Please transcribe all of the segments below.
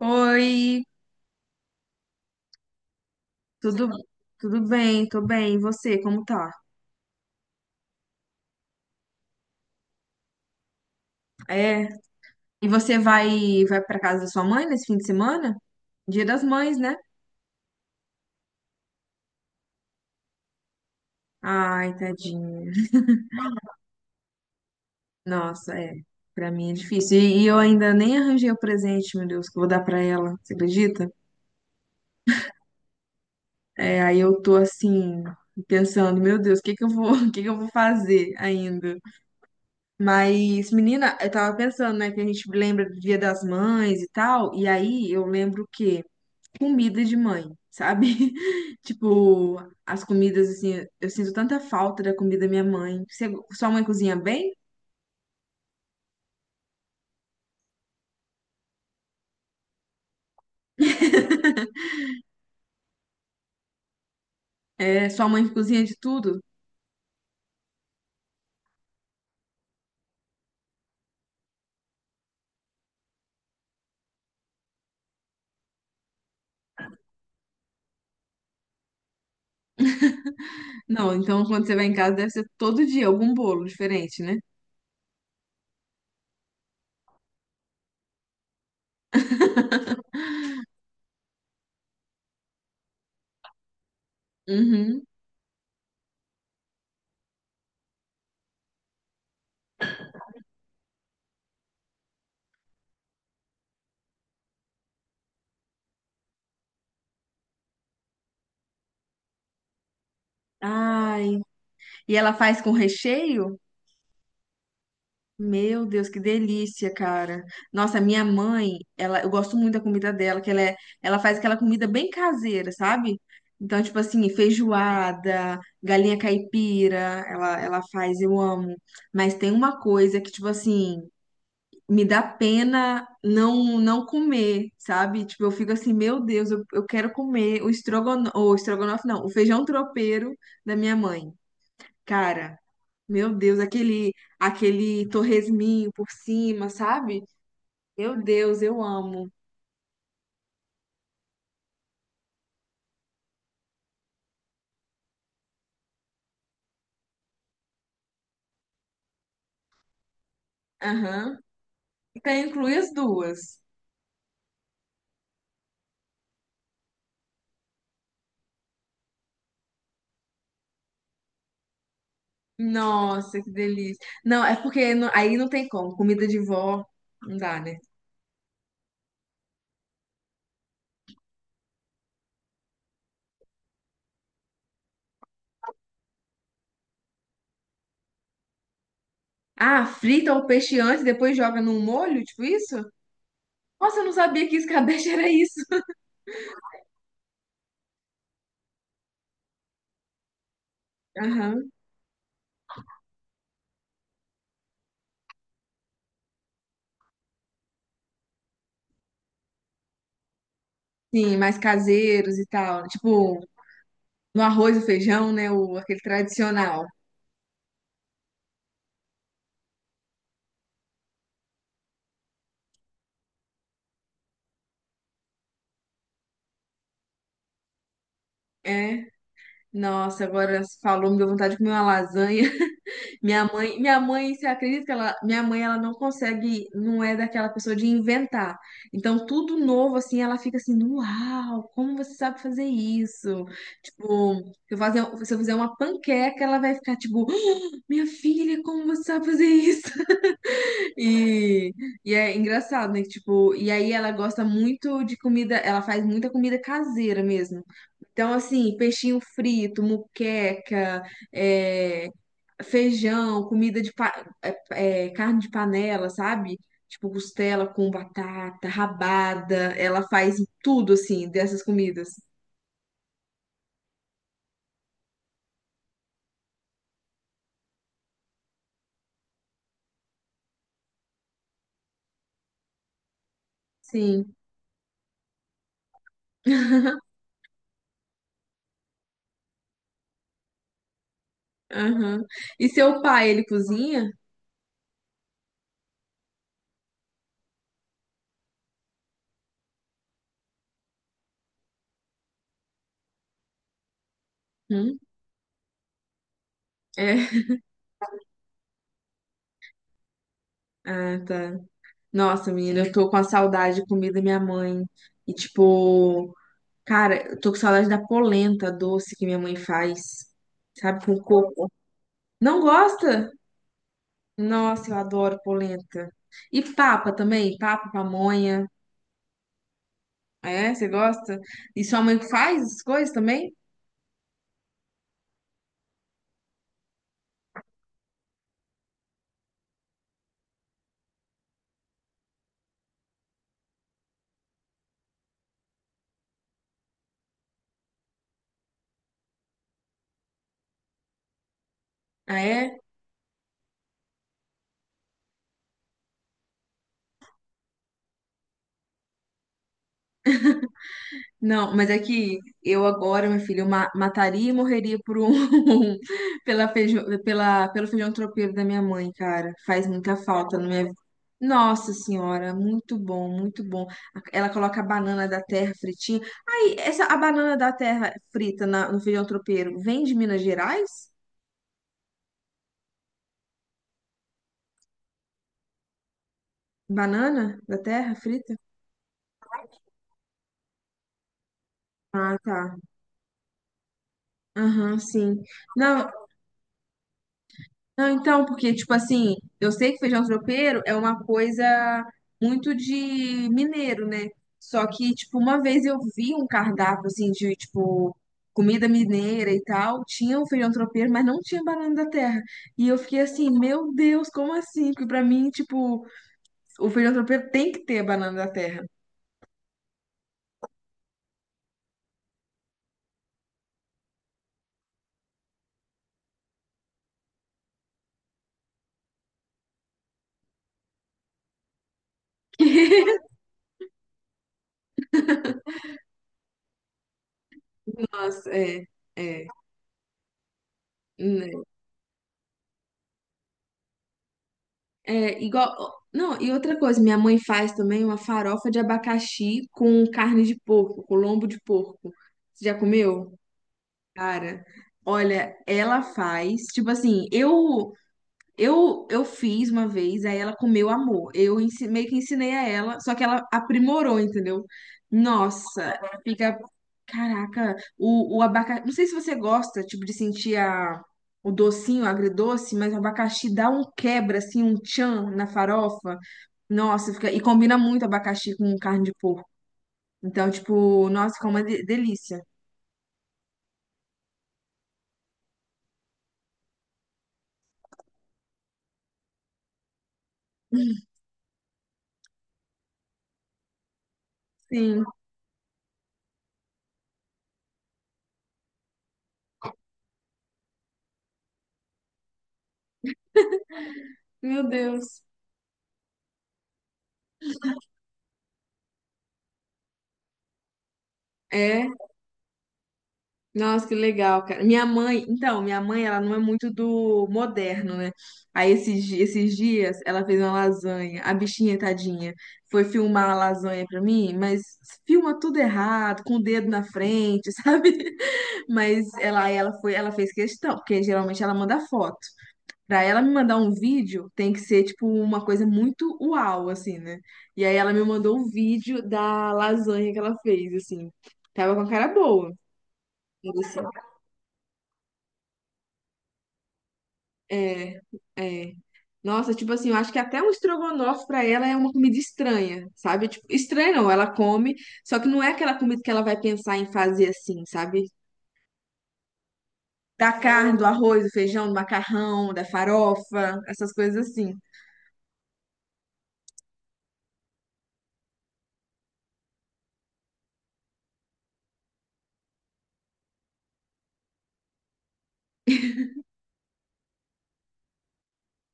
Oi, tudo tudo bem? Tô bem. E você, como tá? É. E você vai para casa da sua mãe nesse fim de semana? Dia das Mães, né? Ai, tadinha. Nossa, é. Pra mim é difícil. E eu ainda nem arranjei o presente, meu Deus, que eu vou dar pra ela. Você acredita? É, aí eu tô assim pensando, meu Deus, o que que eu vou, o que que eu vou fazer ainda? Mas, menina, eu tava pensando, né, que a gente lembra do Dia das Mães e tal, e aí eu lembro que comida de mãe, sabe? Tipo, as comidas, assim, eu sinto tanta falta da comida da minha mãe. Você- sua mãe cozinha bem? É, sua mãe cozinha de tudo? Não, então quando você vai em casa deve ser todo dia algum bolo diferente, né? Uhum. Ai, e ela faz com recheio? Meu Deus, que delícia, cara. Nossa, minha mãe, ela, eu gosto muito da comida dela, que ela é, ela faz aquela comida bem caseira, sabe? Então, tipo assim, feijoada, galinha caipira, ela faz, eu amo. Mas tem uma coisa que, tipo assim, me dá pena não comer, sabe? Tipo, eu fico assim, meu Deus, eu quero comer o estrogonofe não, o feijão tropeiro da minha mãe. Cara, meu Deus, aquele, aquele torresminho por cima, sabe? Meu Deus, eu amo. Aham. Então inclui as duas. Nossa, que delícia. Não, é porque não- aí não tem como. Comida de vó, não dá, né? Ah, frita o peixe antes, e depois joga num molho, tipo isso? Nossa, eu não sabia que escabeche era isso. Aham. Sim, mais caseiros e tal. Tipo, no arroz e feijão, né? O, aquele tradicional. É. Nossa, agora você falou, me deu vontade de comer uma lasanha. Minha mãe, você acredita que ela, minha mãe, ela não consegue, não é daquela pessoa de inventar. Então, tudo novo, assim, ela fica assim, uau, como você sabe fazer isso? Tipo, se eu fazer, se eu fizer uma panqueca, ela vai ficar tipo, "Ah, minha filha, como você sabe fazer isso? E, e é engraçado, né? Tipo, e aí ela gosta muito de comida, ela faz muita comida caseira mesmo. Então, assim, peixinho frito, muqueca, eh, feijão, comida de pa- carne de panela, sabe? Tipo costela com batata, rabada, ela faz tudo assim dessas comidas. Sim. Aham. E seu pai, ele cozinha? Hum? É. Ah, tá. Nossa, menina, eu tô com a saudade de comida da minha mãe. E tipo, cara, eu tô com saudade da polenta doce que minha mãe faz, sabe, com coco. Não gosta? Nossa, eu adoro polenta. E papa também, papa, pamonha. Ah, é, você gosta? E sua mãe faz as coisas também? Ah, é? Não, mas é que eu agora, meu filho, eu ma- mataria e morreria por um pela feijão, pela, pelo feijão tropeiro da minha mãe, cara. Faz muita falta na minha vida. Nossa senhora, muito bom, muito bom. Ela coloca a banana da terra fritinha. Aí, essa a banana da terra frita na- no feijão tropeiro vem de Minas Gerais? Banana da terra frita? Ah, tá. Aham, sim. Não, não, então, porque, tipo assim, eu sei que feijão tropeiro é uma coisa muito de mineiro, né? Só que, tipo, uma vez eu vi um cardápio, assim, de, tipo, comida mineira e tal, tinha o feijão tropeiro, mas não tinha banana da terra. E eu fiquei assim, meu Deus, como assim? Porque pra mim, tipo, o feijão tropeiro tem que ter a banana da terra. Nossa, é, é. É, igual. Não, e outra coisa, minha mãe faz também uma farofa de abacaxi com carne de porco, com lombo de porco. Você já comeu? Cara, olha, ela faz. Tipo assim, eu eu fiz uma vez, aí ela comeu amor. Eu ensi- meio que ensinei a ela, só que ela aprimorou, entendeu? Nossa, fica. Caraca, o abacaxi. Não sei se você gosta, tipo, de sentir a, o docinho, o agridoce, mas o abacaxi dá um quebra, assim, um tchan na farofa. Nossa, fica. E combina muito abacaxi com carne de porco. Então, tipo, nossa, fica uma de- delícia. Sim, meu Deus. É. Nossa, que legal, cara. Minha mãe, então, minha mãe, ela não é muito do moderno, né? Aí esses, di- esses dias ela fez uma lasanha, a bichinha, tadinha, foi filmar a lasanha pra mim, mas filma tudo errado, com o dedo na frente, sabe? Mas ela, aí ela foi, ela fez questão, porque geralmente ela manda foto. Pra ela me mandar um vídeo, tem que ser tipo uma coisa muito uau, assim, né? E aí ela me mandou um vídeo da lasanha que ela fez, assim. Tava com a cara boa. É, é. Nossa, tipo assim, eu acho que até um estrogonofe pra ela é uma comida estranha, sabe? Tipo, estranha não, ela come, só que não é aquela comida que ela vai pensar em fazer assim, sabe? Da carne, do arroz, do feijão, do macarrão, da farofa, essas coisas assim.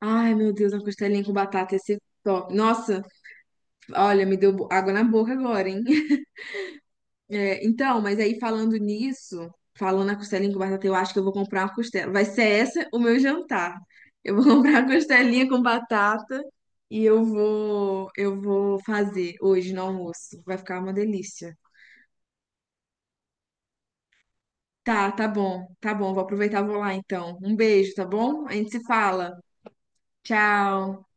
Ai, meu Deus, uma costelinha com batata, esse top. Nossa, olha, me deu bo- água na boca agora, hein? É, então, mas aí falando nisso, falando na costelinha com batata, eu acho que eu vou comprar uma costela. Vai ser essa o meu jantar. Eu vou comprar uma costelinha com batata e eu vou fazer hoje no almoço. Vai ficar uma delícia. Tá, tá bom, tá bom. Vou aproveitar, e vou lá então. Um beijo, tá bom? A gente se fala. Tchau.